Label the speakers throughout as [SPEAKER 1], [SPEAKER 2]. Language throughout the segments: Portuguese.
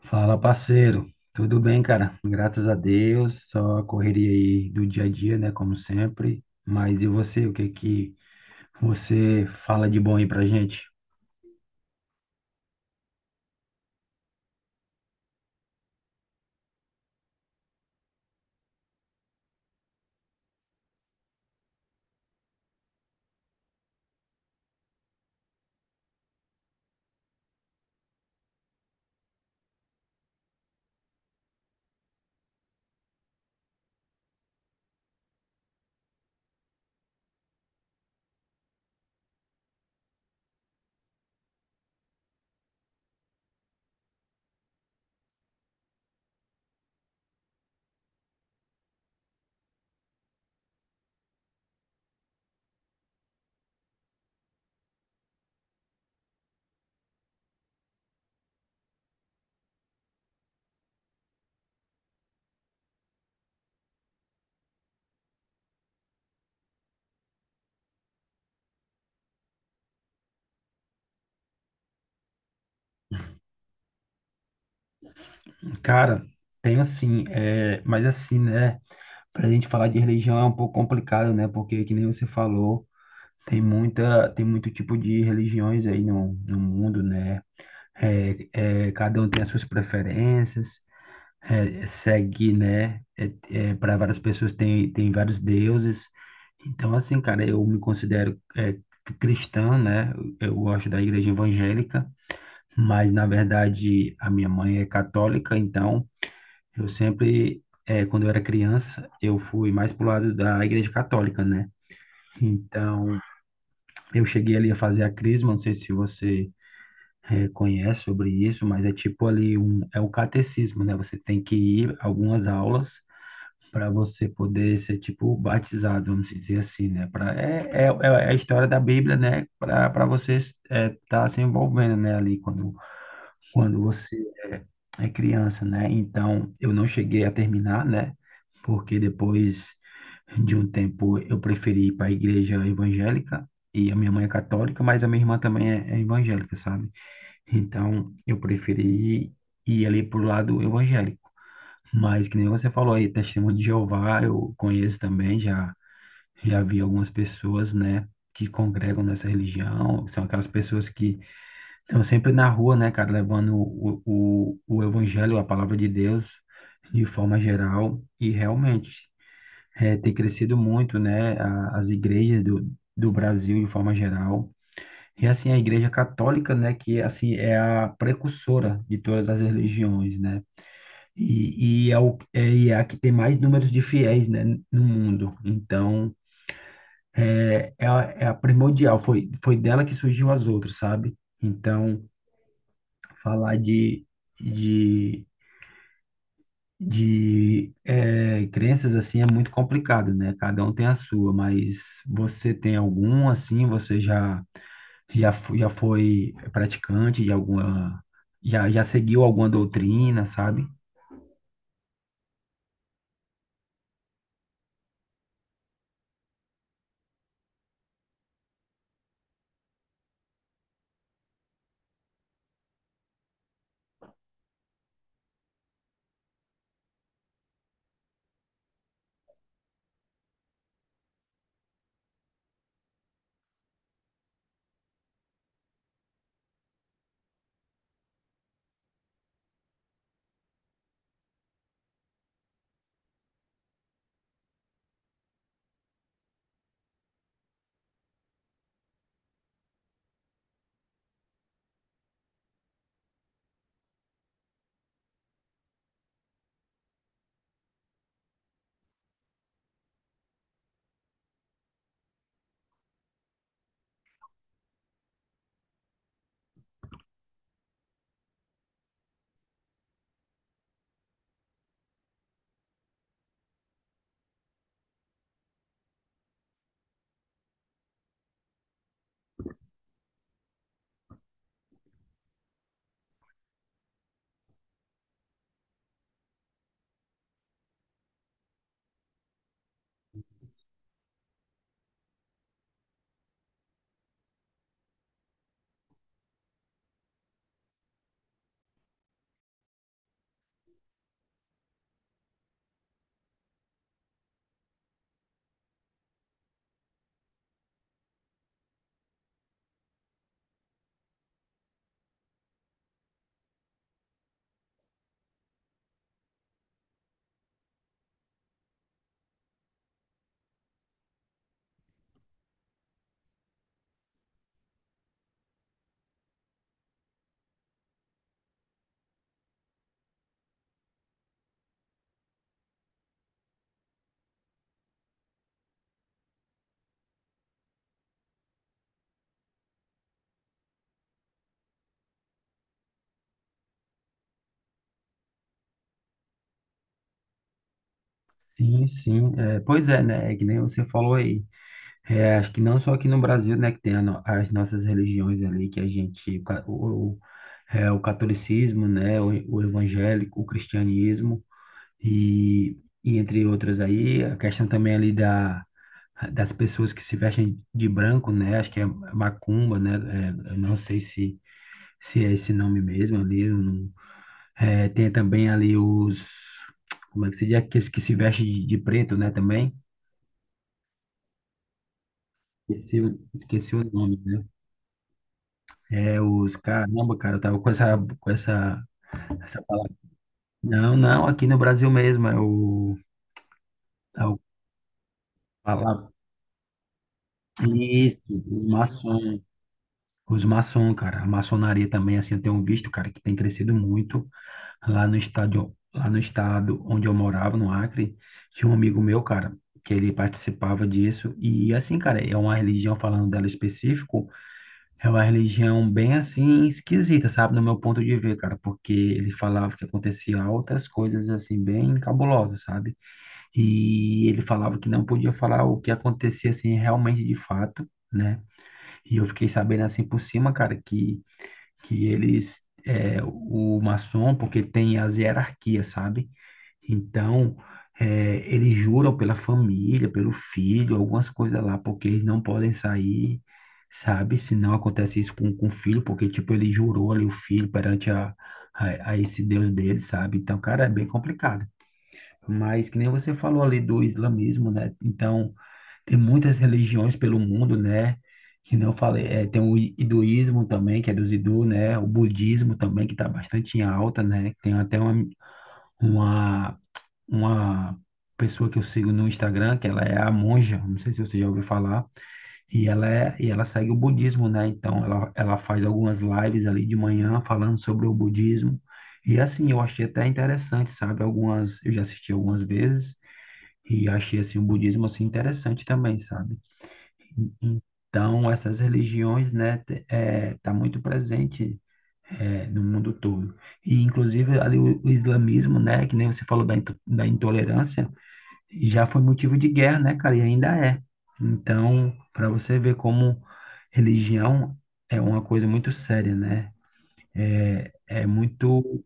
[SPEAKER 1] Fala, parceiro. Tudo bem, cara? Graças a Deus. Só a correria aí do dia a dia, né? Como sempre. Mas e você? O que é que você fala de bom aí pra gente? Cara, tem assim, mas assim, né? Pra gente falar de religião é um pouco complicado, né? Porque, que nem você falou, tem muito tipo de religiões aí no mundo, né? Cada um tem as suas preferências. Segue, né? Para várias pessoas tem vários deuses. Então, assim, cara, eu me considero cristã, né? Eu gosto da igreja evangélica, mas na verdade a minha mãe é católica, então eu sempre, quando eu era criança, eu fui mais pro lado da igreja católica, né? Então, eu cheguei ali a fazer a crisma, não sei se você conhece sobre isso, mas é tipo ali é o catecismo, né? Você tem que ir a algumas aulas para você poder ser tipo batizado, vamos dizer assim, né? Pra, é, é, é é a história da Bíblia, né? Para você estar tá se envolvendo, né? Ali quando você é é criança, né? Então eu não cheguei a terminar, né? Porque depois de um tempo eu preferi ir para a igreja evangélica e a minha mãe é católica, mas a minha irmã também é evangélica, sabe? Então eu preferi ir ali pro lado evangélico. Mas que nem você falou aí, testemunho de Jeová, eu conheço também, já vi algumas pessoas, né, que congregam nessa religião, são aquelas pessoas que estão sempre na rua, né, cara, levando o evangelho, a palavra de Deus, de forma geral, e realmente tem crescido muito, né, as igrejas do Brasil, de forma geral, e assim, a igreja católica, né, que assim é a precursora de todas as religiões, né, e é a que tem mais números de fiéis, né, no mundo. Então, é a primordial. Foi dela que surgiu as outras, sabe? Então, falar de, de crenças assim é muito complicado, né? Cada um tem a sua, mas você tem algum assim? Você já foi praticante de alguma. Já seguiu alguma doutrina, sabe? Sim, sim. É, pois é, né? É que nem você falou aí. Acho que não só aqui no Brasil, né, que tem a no- as nossas religiões ali, que a gente, o catolicismo, né, o evangélico, o cristianismo, e, e entre outras aí, a questão também ali da, das pessoas que se vestem de branco, né, acho que é macumba, né, eu não sei se é esse nome mesmo ali, eu não- é, tem também ali os, como é que se diz, aqueles que se vestem de preto, né, também, esqueci, esqueci o nome, né? Os caramba, cara, eu tava com essa palavra. Não, não, aqui no Brasil mesmo, é o palavra. Isso, o maçom. Os maçom, cara, a maçonaria também, assim, eu tenho visto, cara, que tem crescido muito lá no estado onde eu morava, no Acre, tinha um amigo meu, cara, que ele participava disso, e assim, cara, é uma religião falando dela específico. É uma religião bem assim esquisita, sabe? No meu ponto de ver, cara, porque ele falava que acontecia outras coisas assim bem cabulosas, sabe? E ele falava que não podia falar o que acontecia assim realmente de fato, né? E eu fiquei sabendo assim por cima, cara, que eles o maçom, porque tem as hierarquias, sabe? Então, eles juram pela família, pelo filho, algumas coisas lá, porque eles não podem sair, sabe? Se não acontece isso com o filho, porque, tipo, ele jurou ali o filho perante a esse Deus dele, sabe? Então, cara, é bem complicado. Mas, que nem você falou ali do islamismo, né? Então, tem muitas religiões pelo mundo, né? Que não falei, tem o hinduísmo também, que é dos hindus, né? O budismo também, que está bastante em alta, né? Tem até uma uma pessoa que eu sigo no Instagram, que ela é a monja, não sei se você já ouviu falar, e ela segue o budismo, né? Então ela faz algumas lives ali de manhã falando sobre o budismo. E assim, eu achei até interessante, sabe? Eu já assisti algumas vezes e achei assim o budismo assim interessante também, sabe? Então essas religiões, né, tá muito presente no mundo todo. E inclusive ali o islamismo, né, que nem você falou da intolerância, já foi motivo de guerra, né, cara? E ainda é. Então, para você ver como religião é uma coisa muito séria, né? É muito.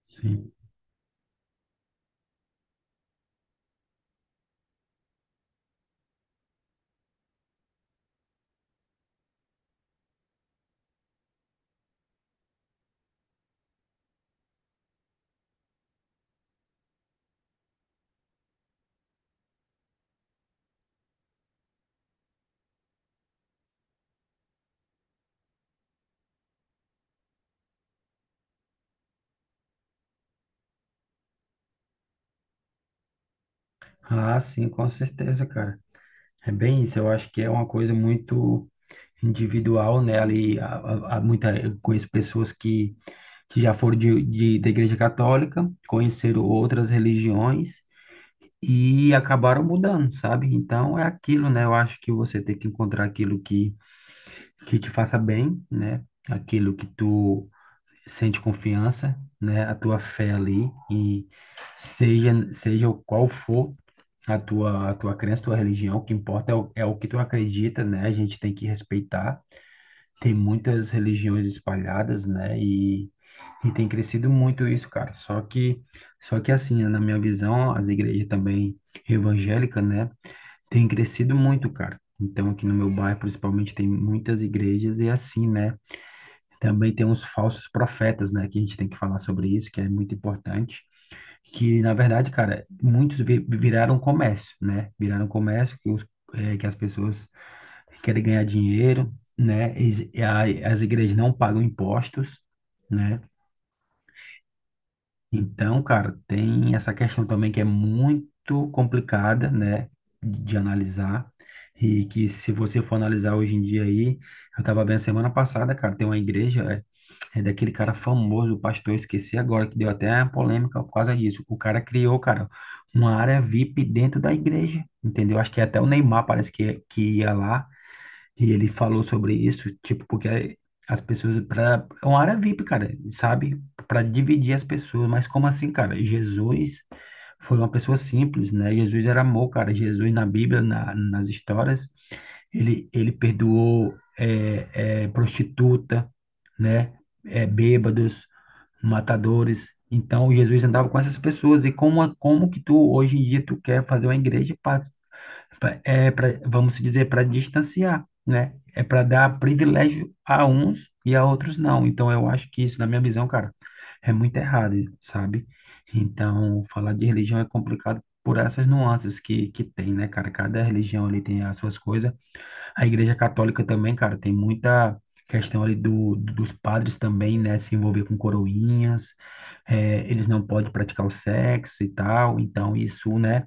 [SPEAKER 1] Sim. Ah, sim, com certeza, cara. É bem isso. Eu acho que é uma coisa muito individual, né? Ali, há muita, eu conheço pessoas que já foram da Igreja Católica, conheceram outras religiões e acabaram mudando, sabe? Então, é aquilo, né? Eu acho que você tem que encontrar aquilo que te faça bem, né? Aquilo que tu sente confiança, né? A tua fé ali e seja o qual for a tua crença, tua religião, o que importa é o que tu acredita, né? A gente tem que respeitar. Tem muitas religiões espalhadas, né? E tem crescido muito isso, cara. Só que assim, né? Na minha visão, as igrejas também evangélicas, né? Tem crescido muito, cara. Então, aqui no meu bairro, principalmente, tem muitas igrejas e assim, né? Também tem uns falsos profetas, né? Que a gente tem que falar sobre isso, que é muito importante. Que, na verdade, cara, muitos viraram comércio, né? Viraram comércio que as pessoas querem ganhar dinheiro, né? E as igrejas não pagam impostos, né? Então, cara, tem essa questão também que é muito complicada, né, de analisar, e que se você for analisar hoje em dia aí, eu tava vendo semana passada, cara, tem uma igreja, é daquele cara famoso, o pastor, eu esqueci agora, que deu até uma polêmica por causa disso. O cara criou, cara, uma área VIP dentro da igreja, entendeu? Acho que até o Neymar parece que ia lá, e ele falou sobre isso, tipo, porque as pessoas, é uma área VIP, cara, sabe? Para dividir as pessoas, mas como assim, cara? Jesus foi uma pessoa simples, né? Jesus era amor, cara. Jesus na Bíblia, nas histórias, ele perdoou prostituta, né? Bêbados, matadores. Então, Jesus andava com essas pessoas. E como que tu, hoje em dia, tu quer fazer uma igreja para pra- é para, vamos dizer, para distanciar, né? É para dar privilégio a uns e a outros não. Então, eu acho que isso, na minha visão, cara, é muito errado, sabe? Então, falar de religião é complicado por essas nuances que tem, né, cara? Cada religião ali tem as suas coisas. A Igreja Católica também, cara, tem muita questão ali dos padres também, né? Se envolver com coroinhas, eles não podem praticar o sexo e tal. Então, isso, né?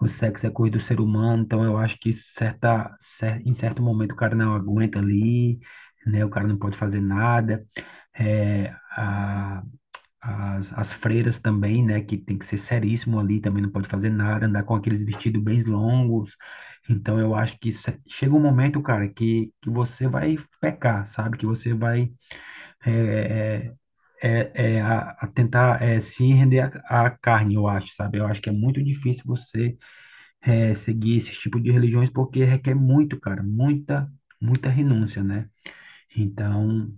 [SPEAKER 1] O sexo é coisa do ser humano, então eu acho que em certo momento o cara não aguenta ali, né? O cara não pode fazer nada. É, a- as freiras também, né? Que tem que ser seríssimo ali, também não pode fazer nada, andar com aqueles vestidos bem longos. Então eu acho que chega um momento, cara, que você vai pecar, sabe? Que você vai é, é, a tentar se render à carne, eu acho, sabe? Eu acho que é muito difícil você seguir esse tipo de religiões porque requer muito, cara, muita, muita renúncia, né? Então,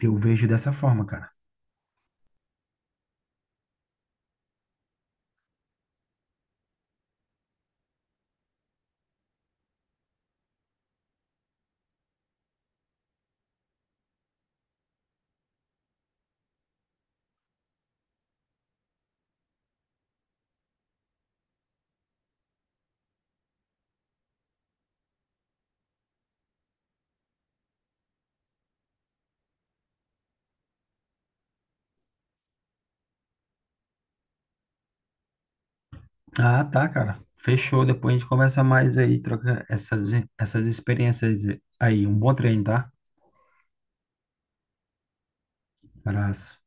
[SPEAKER 1] eu vejo dessa forma, cara. Ah, tá, cara. Fechou. Depois a gente conversa mais aí, troca essas experiências aí. Um bom treino, tá? Abraço.